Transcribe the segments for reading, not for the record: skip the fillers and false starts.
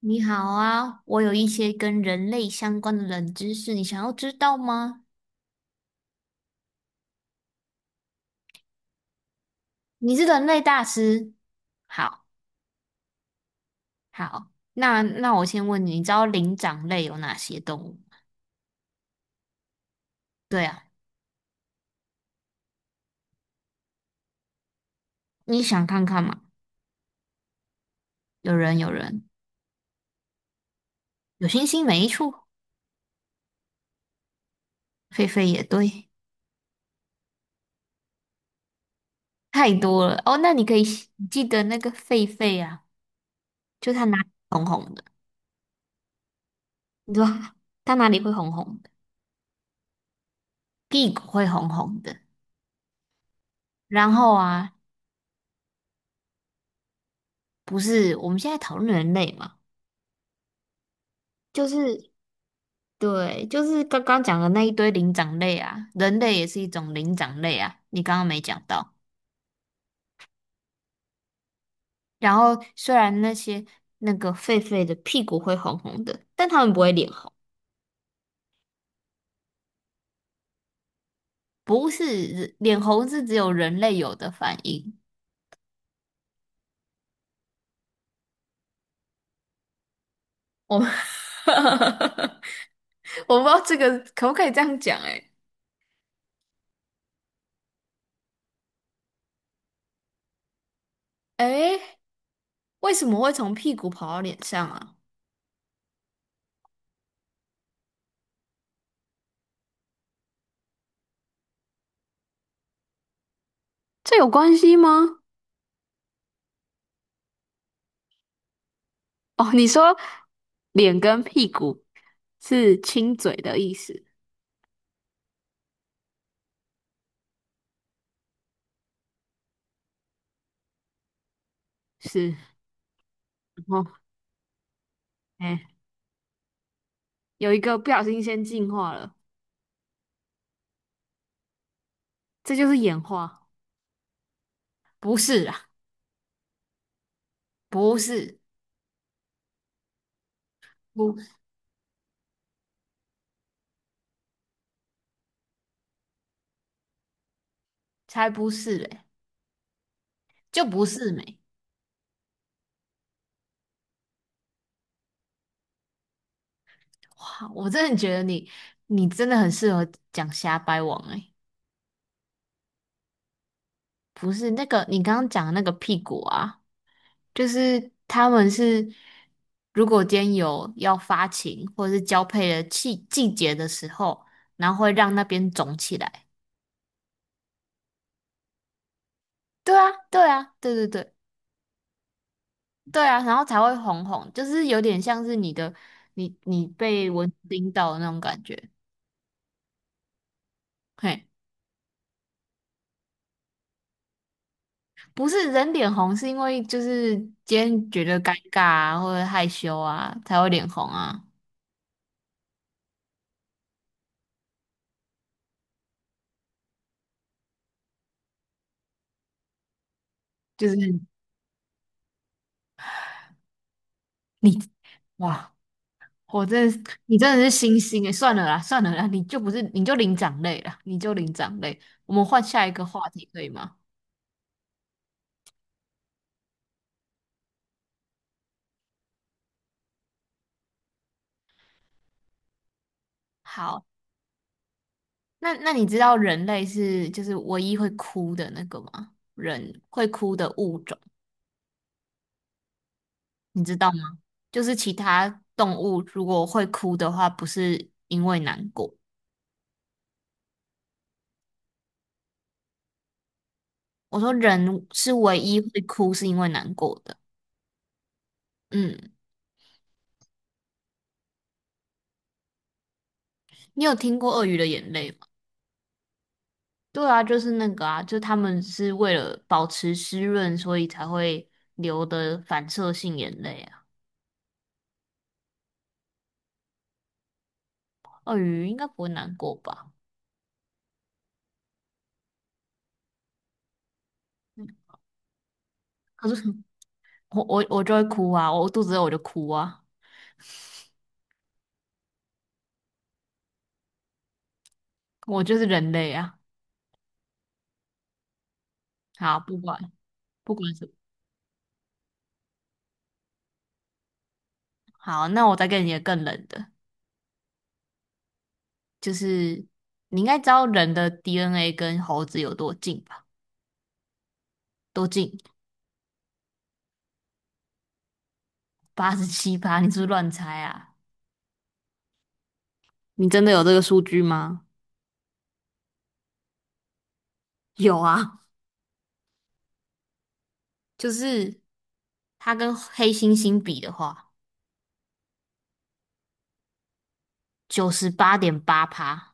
你好啊，我有一些跟人类相关的冷知识，你想要知道吗？你是人类大师。好，好，那我先问你，你知道灵长类有哪些动物吗？对啊，你想看看吗？有人，有人，有星星没错，狒狒也对，太多了哦。那你可以你记得那个狒狒啊，就它哪里红红的，你说道它哪里会红红的？屁股会红红的。然后啊，不是我们现在讨论人类嘛，就是刚刚讲的那一堆灵长类啊，人类也是一种灵长类啊，你刚刚没讲到。然后虽然那个狒狒的屁股会红红的，但他们不会脸红，不是人脸红是只有人类有的反应。我们 我不知道这个可不可以这样讲、欸，诶诶，为什么会从屁股跑到脸上啊？这有关系吗？哦，你说脸跟屁股是亲嘴的意思，是。哦，哎，有一个不小心先进化了，这就是演化。不是啊，不是，不，才不是嘞，就不是美。哇，我真的觉得你，你真的很适合讲瞎掰王哎，不是那个你刚刚讲的那个屁股啊，就是他们是，如果今天有要发情或者是交配的季节的时候，然后会让那边肿起来。对啊，对啊，对对对。对啊，然后才会红红，就是有点像是你的你你被蚊子叮到的那种感觉。嘿，不是人脸红，是因为今天觉得尴尬啊，或者害羞啊，才会脸红啊。就是你，哇，我真的是，你真的是星星诶，算了啦，算了啦，你就不是，你就灵长类啦，你就灵长类。我们换下一个话题可以吗？好，那你知道人类是唯一会哭的那个吗？人会哭的物种。你知道吗？就是其他动物如果会哭的话，不是因为难过。我说人是唯一会哭是因为难过的。嗯，你有听过鳄鱼的眼泪吗？对啊，就是那个啊，就他们是为了保持湿润，所以才会流的反射性眼泪啊。鳄鱼应该不会难过吧？嗯，可是我就会哭啊，我肚子饿我就哭啊，我就是人类啊。好，不管不管什么，好，那我再给你一个更冷的。就是你应该知道人的 DNA 跟猴子有多近吧？多近？87趴，你是不是乱猜啊？你真的有这个数据吗？有啊，就是它跟黑猩猩比的话，98.8趴，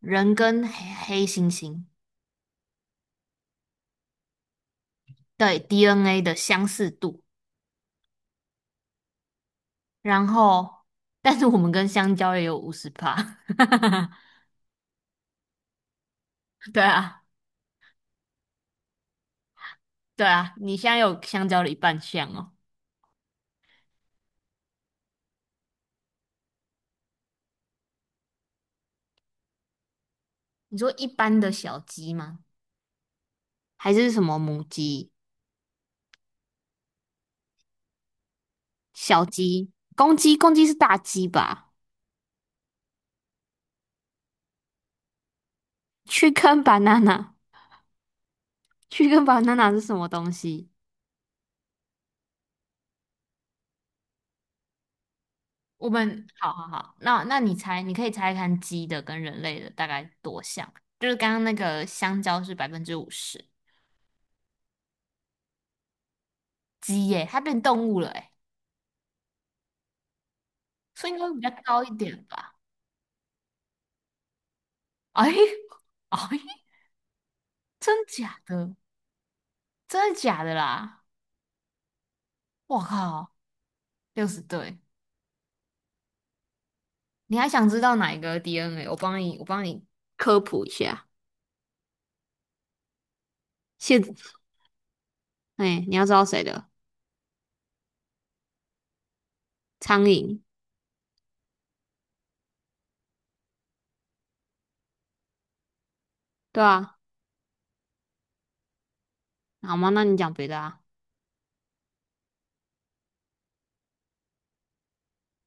人跟黑猩猩对 DNA 的相似度，然后但是我们跟香蕉也有50趴，对啊，对啊，你现在有香蕉的一半像哦。你说一般的小鸡吗？还是什么母鸡、小鸡、公鸡？公鸡是大鸡吧？去跟 banana，去跟 banana 是什么东西？我们好好好，那你猜，你可以猜看鸡的跟人类的大概多像？就是刚刚那个香蕉是50%，鸡耶，它变动物了哎，所以应该会比较高一点吧？哎，哎，真假的？真的假的啦？我靠，60对，你还想知道哪一个 DNA？我帮你，我帮你，科普一下。现，哎，你要知道谁的？苍蝇，对啊，好吗？那你讲别的啊，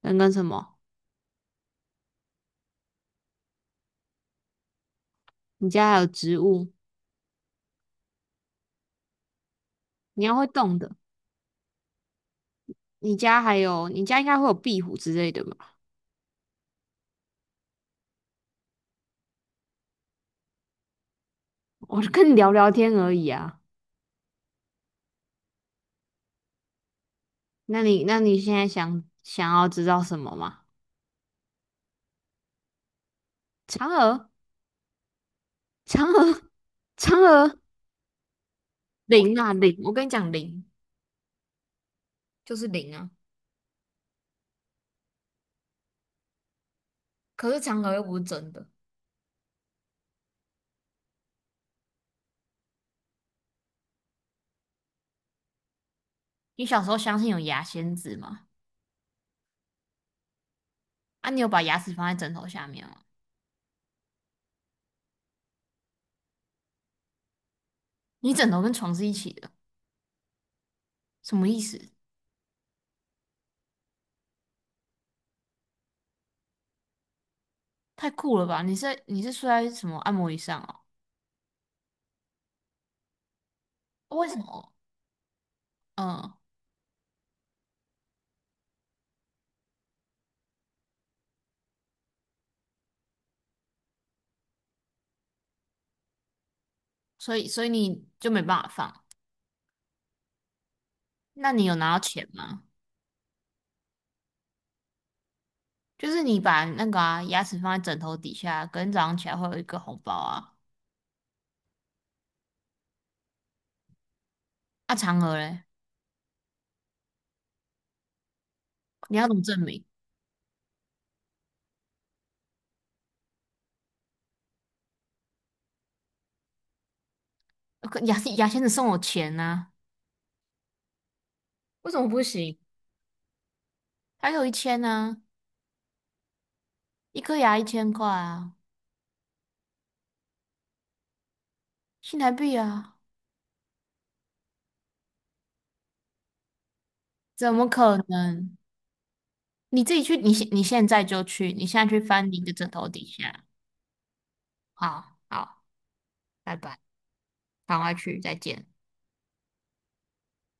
人跟什么？你家还有植物，你要会动的。你家还有，你家应该会有壁虎之类的吧？我就跟你聊聊天而已啊。那你现在想想要知道什么吗？嫦娥，嫦娥，嫦娥，灵啊灵！我跟你讲灵就是灵啊。可是嫦娥又不是真的。你小时候相信有牙仙子吗？啊，你有把牙齿放在枕头下面吗？你枕头跟床是一起的，什么意思？太酷了吧！你是睡在什么按摩椅上哦？为什么？嗯，所以你就没办法放。那你有拿到钱吗？就是你把那个啊牙齿放在枕头底下，隔天早上起来会有一个红包啊。啊，嫦娥嘞，你要怎么证明？呃，可牙牙仙子送我钱呐、为什么不行？还有一千呢、一颗牙1000块啊，新台币啊，怎么可能？你自己去，你现在就去，你现在去翻你的枕头底下。好好，拜拜。赶快去，再见。